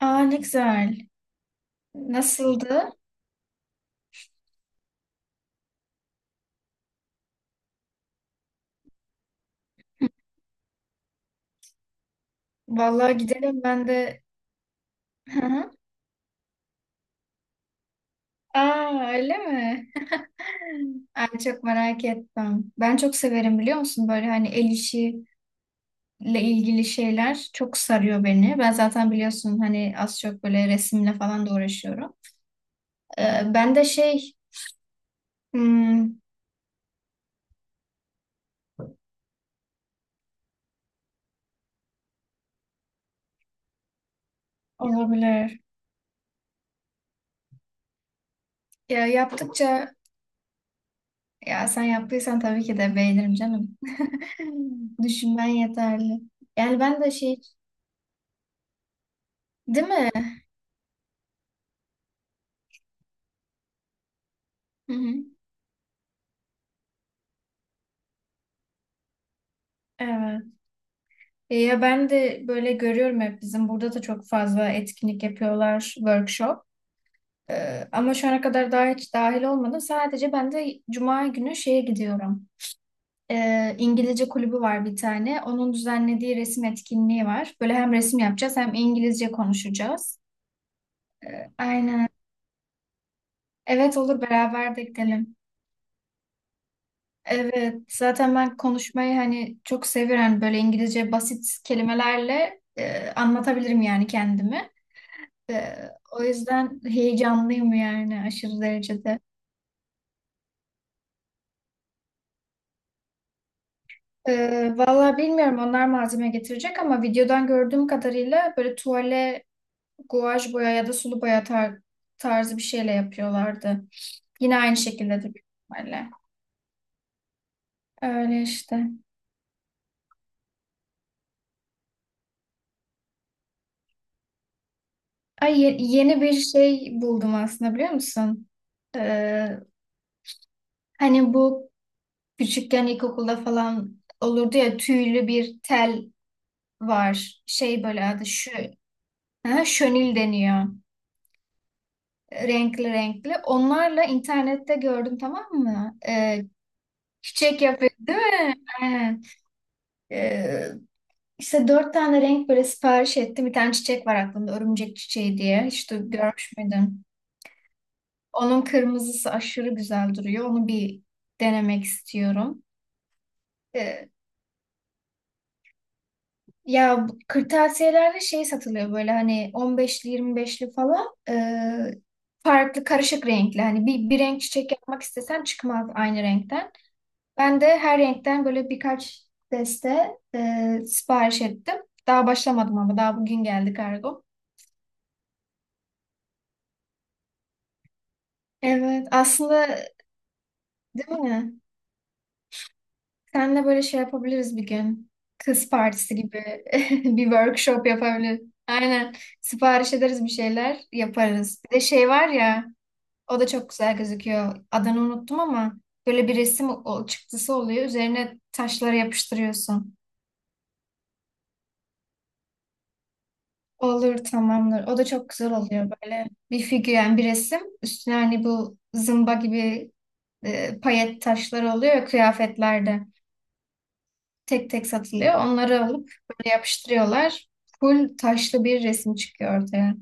Aa ne güzel. Nasıldı? Vallahi gidelim ben de. Hı hı. Aa öyle mi? Ay çok merak ettim. Ben çok severim biliyor musun? Böyle hani el işiyle ilgili şeyler çok sarıyor beni. Ben zaten biliyorsun hani az çok böyle resimle falan da uğraşıyorum. Ee, ben de şey hmm, olabilir. Ya yaptıkça ya sen yaptıysan tabii ki de beğenirim canım. Düşünmen yeterli. Yani ben de şey, değil mi? Hı hı. Evet. Ya ben de böyle görüyorum, hep bizim burada da çok fazla etkinlik yapıyorlar, workshop. Ama şu ana kadar daha hiç dahil olmadım. Sadece ben de cuma günü şeye gidiyorum. İngilizce kulübü var bir tane. Onun düzenlediği resim etkinliği var. Böyle hem resim yapacağız hem İngilizce konuşacağız. Aynen. Evet, olur, beraber de gidelim. Evet, zaten ben konuşmayı hani çok seviyorum. Hani böyle İngilizce basit kelimelerle anlatabilirim yani kendimi. O yüzden heyecanlıyım yani aşırı derecede. Valla bilmiyorum, onlar malzeme getirecek ama videodan gördüğüm kadarıyla böyle tuvale guaj boya ya da sulu boya tarzı bir şeyle yapıyorlardı. Yine aynı şekildedir büyük ihtimalle. Öyle işte. Ay, yeni bir şey buldum aslında, biliyor musun? Ee, Hani bu küçükken ilkokulda falan olurdu ya, tüylü bir tel var. Şey, böyle adı şu. Ha, şönil deniyor. Renkli renkli. Onlarla internette gördüm, tamam mı? Çiçek yapıyor değil mi? Aynen. Ee, işte dört tane renk böyle sipariş ettim. Bir tane çiçek var aklımda, örümcek çiçeği diye. Hiç görmüş müydün? Onun kırmızısı aşırı güzel duruyor. Onu bir denemek istiyorum. Ee, Ya bu kırtasiyelerde şey satılıyor, böyle hani on beşli, yirmi beşli falan. Farklı karışık renkli. Hani bir renk çiçek yapmak istesen çıkmaz aynı renkten. Ben de her renkten böyle birkaç deste sipariş ettim. Daha başlamadım ama daha bugün geldi kargo. Evet, aslında değil mi? Seninle böyle şey yapabiliriz bir gün. Kız partisi gibi bir workshop yapabiliriz. Aynen. Sipariş ederiz, bir şeyler yaparız. Bir de şey var ya, o da çok güzel gözüküyor. Adını unuttum ama böyle bir resim çıktısı oluyor. Üzerine taşları yapıştırıyorsun. Olur, tamamdır. O da çok güzel oluyor, böyle bir figür yani, bir resim. Üstüne hani bu zımba gibi payet taşları oluyor ya kıyafetlerde. Tek tek satılıyor. Onları alıp böyle yapıştırıyorlar. Full taşlı bir resim çıkıyor ortaya.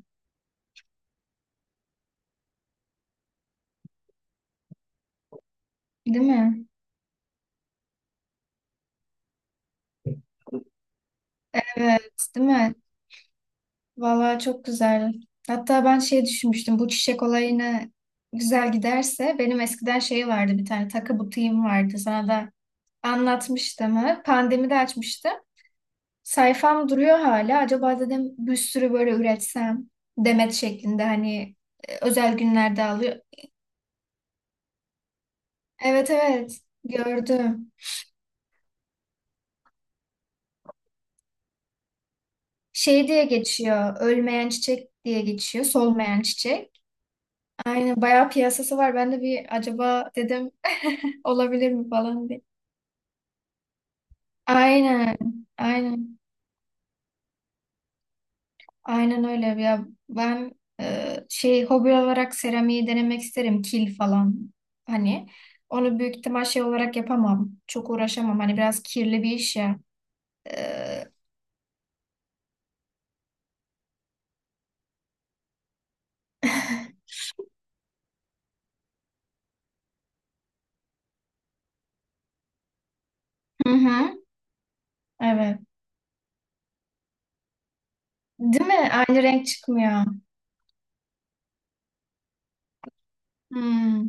Değil mi? Evet, değil mi? Vallahi çok güzel. Hatta ben şey düşünmüştüm. Bu çiçek olayına güzel giderse, benim eskiden şey vardı, bir tane takı butiğim vardı. Sana da anlatmıştım, ha. Pandemide açmıştım. Sayfam duruyor hala. Acaba dedim bir sürü böyle üretsem, demet şeklinde, hani özel günlerde alıyor. Evet, evet, gördüm. Şey diye geçiyor. Ölmeyen çiçek diye geçiyor. Solmayan çiçek. Aynen, bayağı piyasası var. Ben de bir acaba dedim olabilir mi falan diye. Aynen. Aynen. Aynen öyle ya, ben şey, hobi olarak seramiği denemek isterim, kil falan, hani onu büyük ihtimal şey olarak yapamam, çok uğraşamam, hani biraz kirli bir iş ya. E, Hı hı, evet. Değil mi? Aynı renk çıkmıyor. Hmm.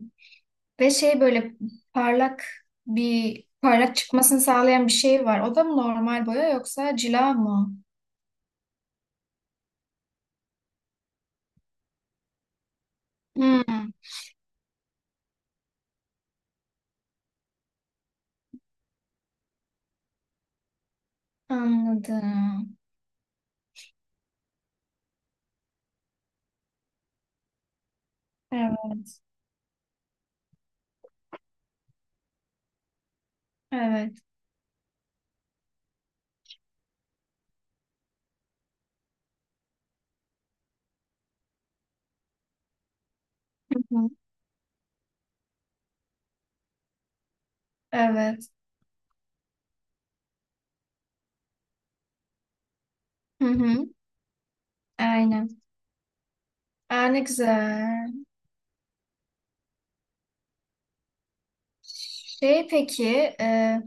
Ve şey böyle parlak, bir parlak çıkmasını sağlayan bir şey var. O da mı normal boya, yoksa cila mı? Hmm. Anladım. Evet. Evet. Hı hı. Evet. Hı hı. Aynen. Aa, ne güzel. Şey, peki e,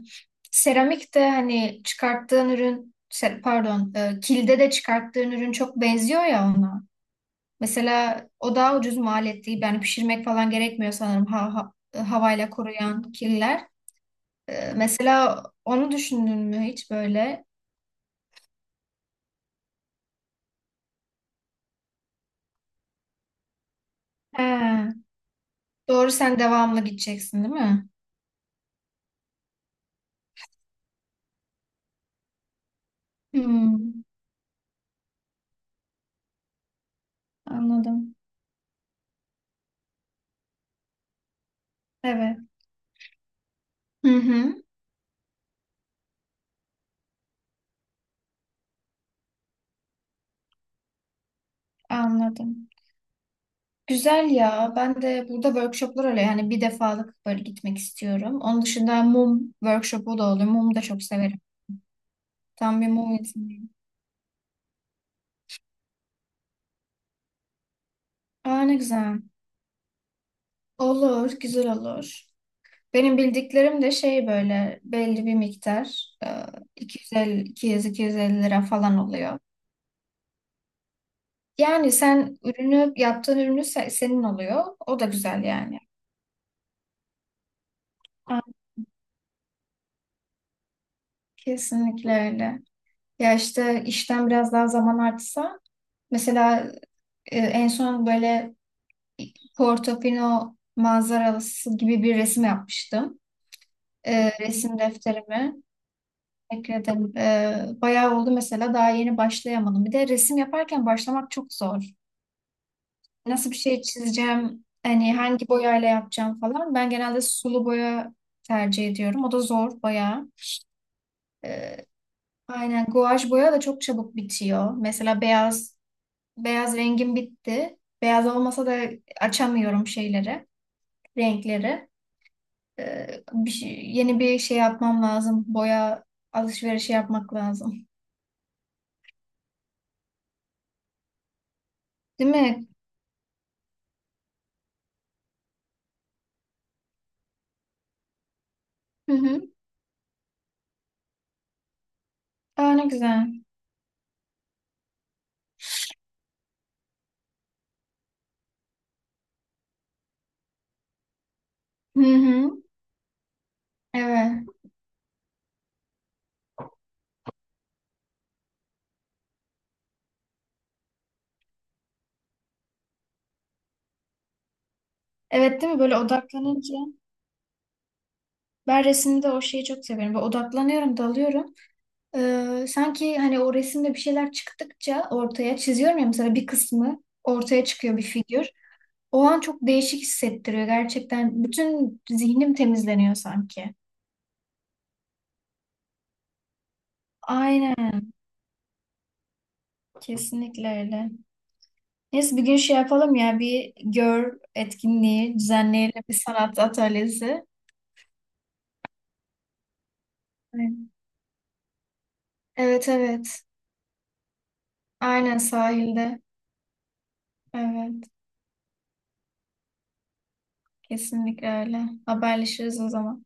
seramik de hani çıkarttığın ürün pardon, kilde de çıkarttığın ürün çok benziyor ya ona. Mesela o daha ucuz maliyetli, değil. Yani pişirmek falan gerekmiyor sanırım, ha, havayla kuruyan killer. Mesela onu düşündün mü hiç böyle? He, doğru, sen devamlı gideceksin değil mi? Hmm, anladım. Evet. Hı hı, anladım. Güzel ya. Ben de burada workshoplar oluyor. Yani bir defalık böyle gitmek istiyorum. Onun dışında mum workshopu da oluyor. Mumu da çok severim. Tam bir mum insanıyım. Aa, ne güzel. Olur, güzel olur. Benim bildiklerim de şey, böyle belli bir miktar. 250, 200-250 lira falan oluyor. Yani sen ürünü, yaptığın ürünü senin oluyor. O da güzel yani. Aa, kesinlikle öyle. Ya işte işten biraz daha zaman artsa. Mesela en son böyle Portofino manzarası gibi bir resim yapmıştım. Resim defterime ekledim. Bayağı oldu, mesela daha yeni başlayamadım. Bir de resim yaparken başlamak çok zor. Nasıl bir şey çizeceğim, hani hangi boyayla yapacağım falan. Ben genelde sulu boya tercih ediyorum. O da zor bayağı. Aynen, guaj boya da çok çabuk bitiyor. Mesela beyaz rengim bitti. Beyaz olmasa da açamıyorum şeyleri, renkleri. Ee, yeni bir şey yapmam lazım. Boya alışverişi yapmak lazım. Değil mi? Hı hı. Aa, ne güzel. Hı hı. Evet. Evet, değil mi? Böyle odaklanınca. Ben resimde o şeyi çok severim. Böyle odaklanıyorum, dalıyorum. Sanki hani o resimde bir şeyler çıktıkça ortaya, çiziyorum ya, mesela bir kısmı ortaya çıkıyor, bir figür. O an çok değişik hissettiriyor gerçekten. Bütün zihnim temizleniyor sanki. Aynen. Kesinlikle öyle. Neyse bir gün şey yapalım ya, bir gör etkinliği düzenleyelim, bir sanat atölyesi. Aynen. Evet, evet. Aynen, sahilde. Evet. Kesinlikle öyle. Haberleşiriz o zaman.